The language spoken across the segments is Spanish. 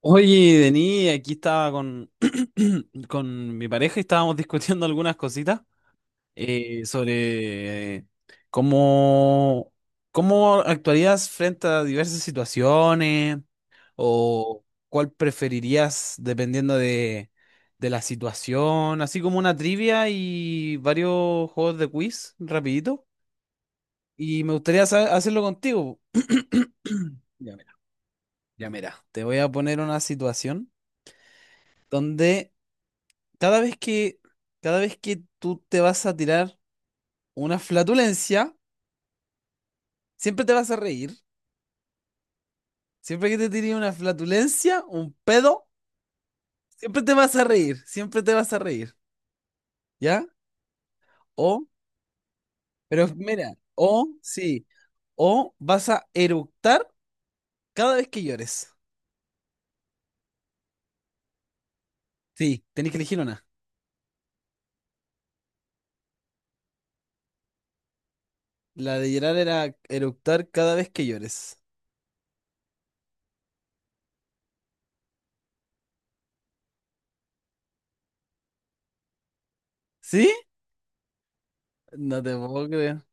Oye, Denis, aquí estaba con mi pareja y estábamos discutiendo algunas cositas sobre cómo, cómo actuarías frente a diversas situaciones o cuál preferirías dependiendo de la situación, así como una trivia y varios juegos de quiz rapidito. Y me gustaría hacerlo contigo. Ya mira, ya mira, te voy a poner una situación donde cada vez que, cada vez que tú te vas a tirar una flatulencia, siempre te vas a reír. Siempre que te tires una flatulencia, un pedo, siempre te vas a reír. Siempre te vas a reír. ¿Ya? O, pero mira, o sí, o vas a eructar cada vez que llores. Sí, tenés que elegir una. La de llorar era eructar cada vez que llores. ¿Sí? No te puedo creer.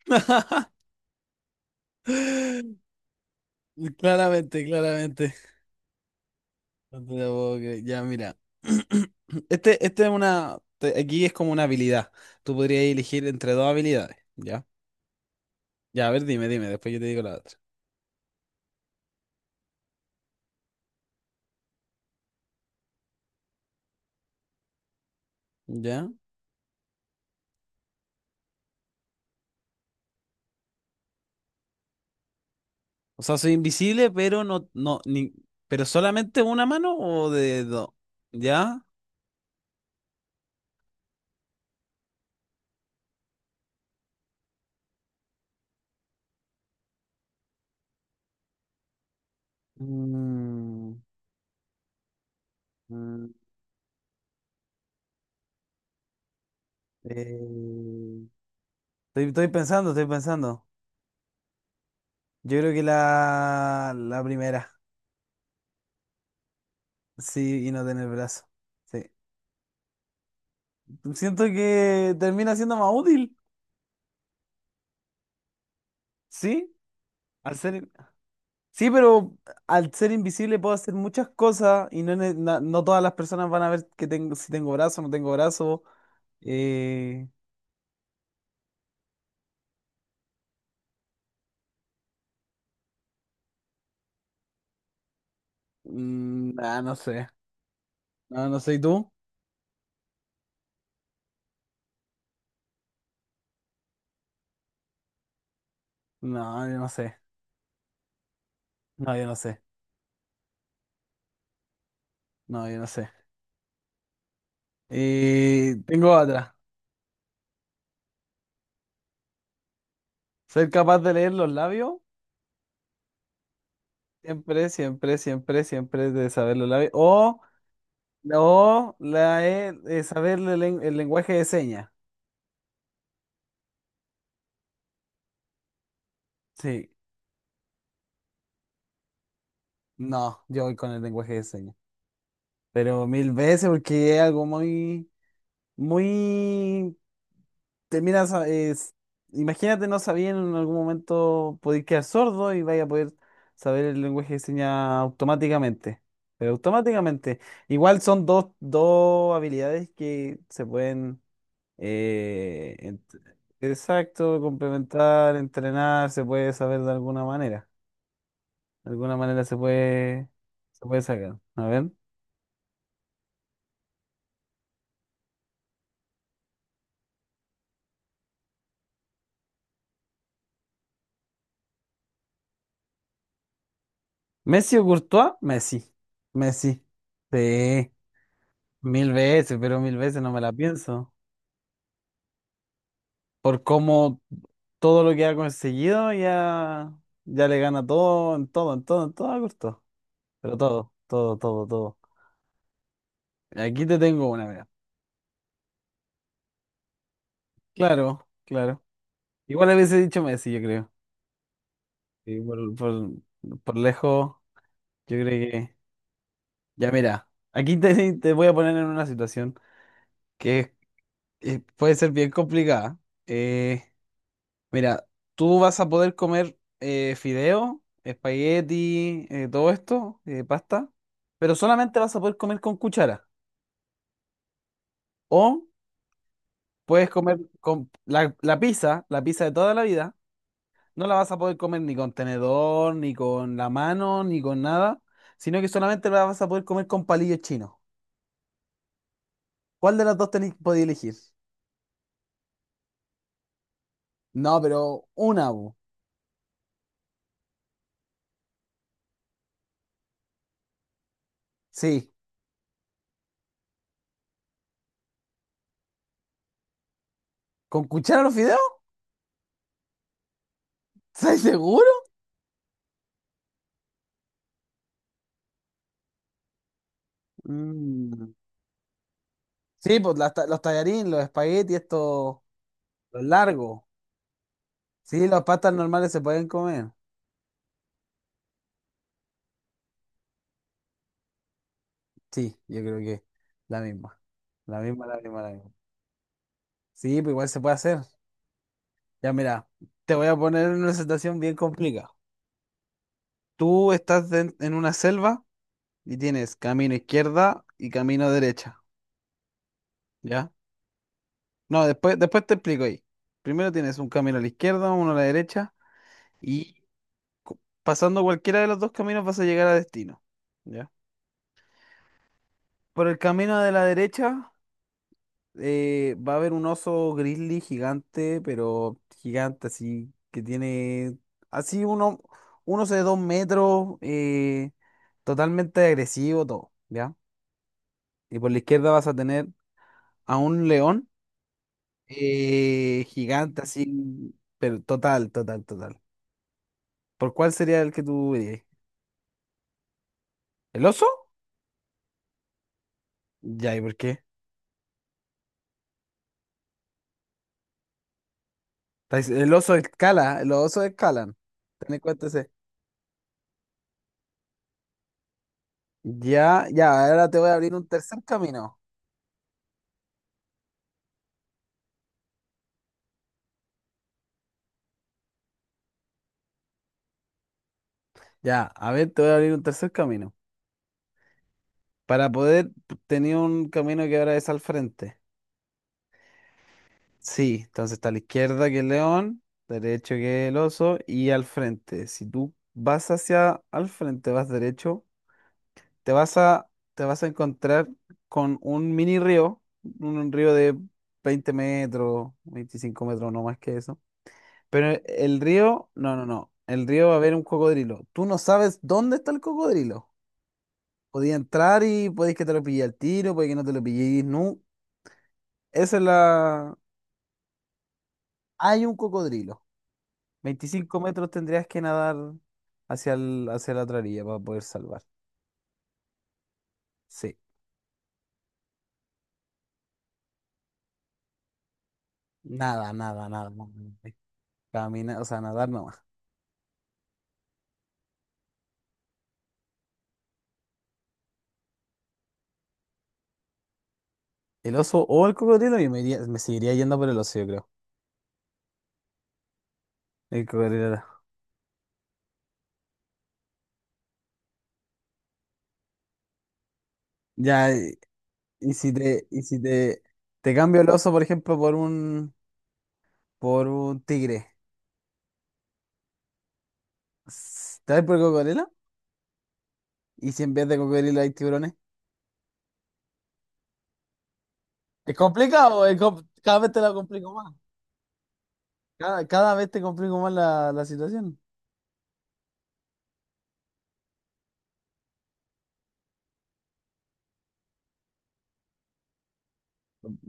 Claramente, claramente. No te la puedo creer. Ya, mira. Este es una. Aquí es como una habilidad. Tú podrías elegir entre dos habilidades. ¿Ya? Ya, a ver, dime, dime. Después yo te digo la otra. ¿Ya? O sea, soy invisible, pero no, no, ni, pero solamente una mano o de dos. ¿Ya? Mm, mm, eh, estoy pensando, estoy pensando. Yo creo que la primera. Sí, y no tener brazo. Sí. Siento que termina siendo más útil. ¿Sí? Al ser... Sí, pero al ser invisible puedo hacer muchas cosas y no todas las personas van a ver que tengo, si tengo brazo, no tengo brazo. Eh... mm, ah, no sé. No, no sé. ¿Y tú? No, yo no sé. No, yo no sé. No, yo no sé. Tengo otra. Ser capaz de leer los labios. Siempre, siempre, siempre, siempre de saber los labios. O la, saber el, el lenguaje de señas. Sí. No, yo voy con el lenguaje de señas. Pero mil veces, porque es algo muy, muy, te miras, imagínate, no sabían en algún momento poder quedar sordo y vaya a poder saber el lenguaje de señas automáticamente. Pero automáticamente. Igual son dos habilidades que se pueden, eh, ent- exacto, complementar, entrenar, se puede saber de alguna manera. De alguna manera se puede sacar. A ver. Messi o Courtois, Messi, Messi. Sí, mil veces, pero mil veces no me la pienso. Por cómo todo lo que ha conseguido ya, ya le gana todo, en todo, en todo, en todo a Courtois. Pero todo, todo, todo, todo. Aquí te tengo una, mira. Claro, claro. Igual a dicho Messi, yo creo. Sí, por lejos, yo creo que... Ya mira, aquí te voy a poner en una situación que puede ser bien complicada. Eh, Mira, tú vas a poder comer fideo, espagueti, todo esto, pasta, pero solamente vas a poder comer con cuchara. O puedes comer con la pizza de toda la vida, no la vas a poder comer ni con tenedor, ni con la mano, ni con nada, sino que solamente la vas a poder comer con palillos chinos. ¿Cuál de las dos tenéis podéis elegir? No, pero una, bu. Sí. ¿Con cuchara los fideos? ¿Estás seguro? Mm. Sí, pues las los tallarines, los espaguetis, estos, los largos. Sí, las pastas normales se pueden comer. Sí, yo creo que la misma. La misma, la misma, la misma. Sí, pues igual se puede hacer. Ya mira, te voy a poner en una situación bien complicada. Tú estás en una selva y tienes camino izquierda y camino derecha, ¿ya? No, después, después te explico ahí. Primero tienes un camino a la izquierda, uno a la derecha y cu- pasando cualquiera de los dos caminos vas a llegar a destino. ¿Ya? Por el camino de la derecha va a haber un oso grizzly gigante, pero gigante, así que tiene así uno, un oso de dos metros, totalmente agresivo, todo, ¿ya? Y por la izquierda vas a tener a un león gigante, así, pero total, total, total. ¿Por cuál sería el que tú dirías? ¿El oso? Ya, ¿y por qué? El oso escala, los osos escalan. Ten en cuenta ese. Ya, ya, ahora te voy a abrir un tercer camino. Ya, a ver, te voy a abrir un tercer camino. Para poder tener un camino que ahora es al frente. Sí, entonces está a la izquierda que el león, derecho que el oso y al frente. Si tú vas hacia al frente, vas derecho, te vas a, te vas a encontrar con un mini río, un río de 20 metros, 25 metros, no más que eso. Pero el río, no. El río va a haber un cocodrilo. Tú no sabes dónde está el cocodrilo. Podía entrar y podéis que te lo pille al tiro, puede que no te lo pilléis nunca. Esa es la... Hay un cocodrilo. Veinticinco metros tendrías que nadar hacia, hacia la otra orilla para poder salvar. Sí. Nada, nada, nada, nada. Caminar, o sea, nadar nomás. El oso o el cocodrilo, yo me seguiría yendo por el oso, yo creo. El cocodrilo. Ya, y si te, te cambio el oso, por ejemplo, por un tigre. ¿Te vas por cocodrilo? ¿Y si en vez de cocodrilo hay tiburones? Es complicado, cada vez te la complico más. Cada, cada vez te complico más la situación.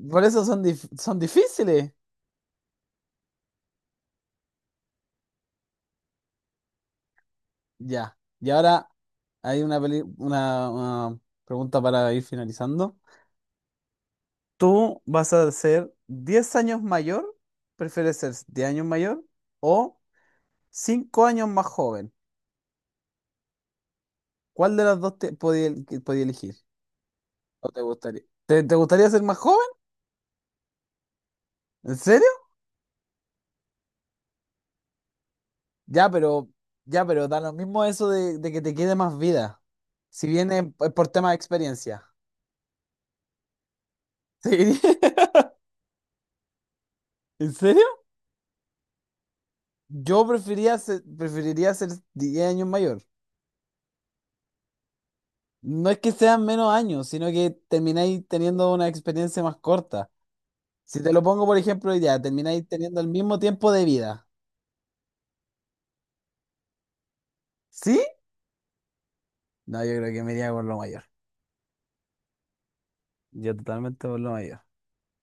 Por eso son, son difíciles. Ya. Y ahora hay una, una pregunta para ir finalizando. ¿Tú vas a ser 10 años mayor? ¿Prefieres ser 10 años mayor o 5 años más joven? ¿Cuál de las dos te podía, podía elegir? ¿O te gustaría? ¿Te gustaría ser más joven? ¿En serio? Ya, pero, ya, pero da lo mismo eso de que te quede más vida. Si viene por tema de experiencia. Sí. ¿En serio? Yo preferiría ser 10 años mayor. No es que sean menos años, sino que termináis teniendo una experiencia más corta. Si te lo pongo, por ejemplo, ya, termináis teniendo el mismo tiempo de vida. ¿Sí? No, yo creo que me iría por lo mayor. Yo totalmente por lo mayor.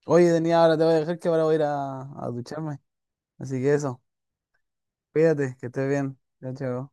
Oye, tenía ahora, te voy a dejar que ahora voy a ir a ducharme. Así que eso. Cuídate, que estés bien. Chao, chao.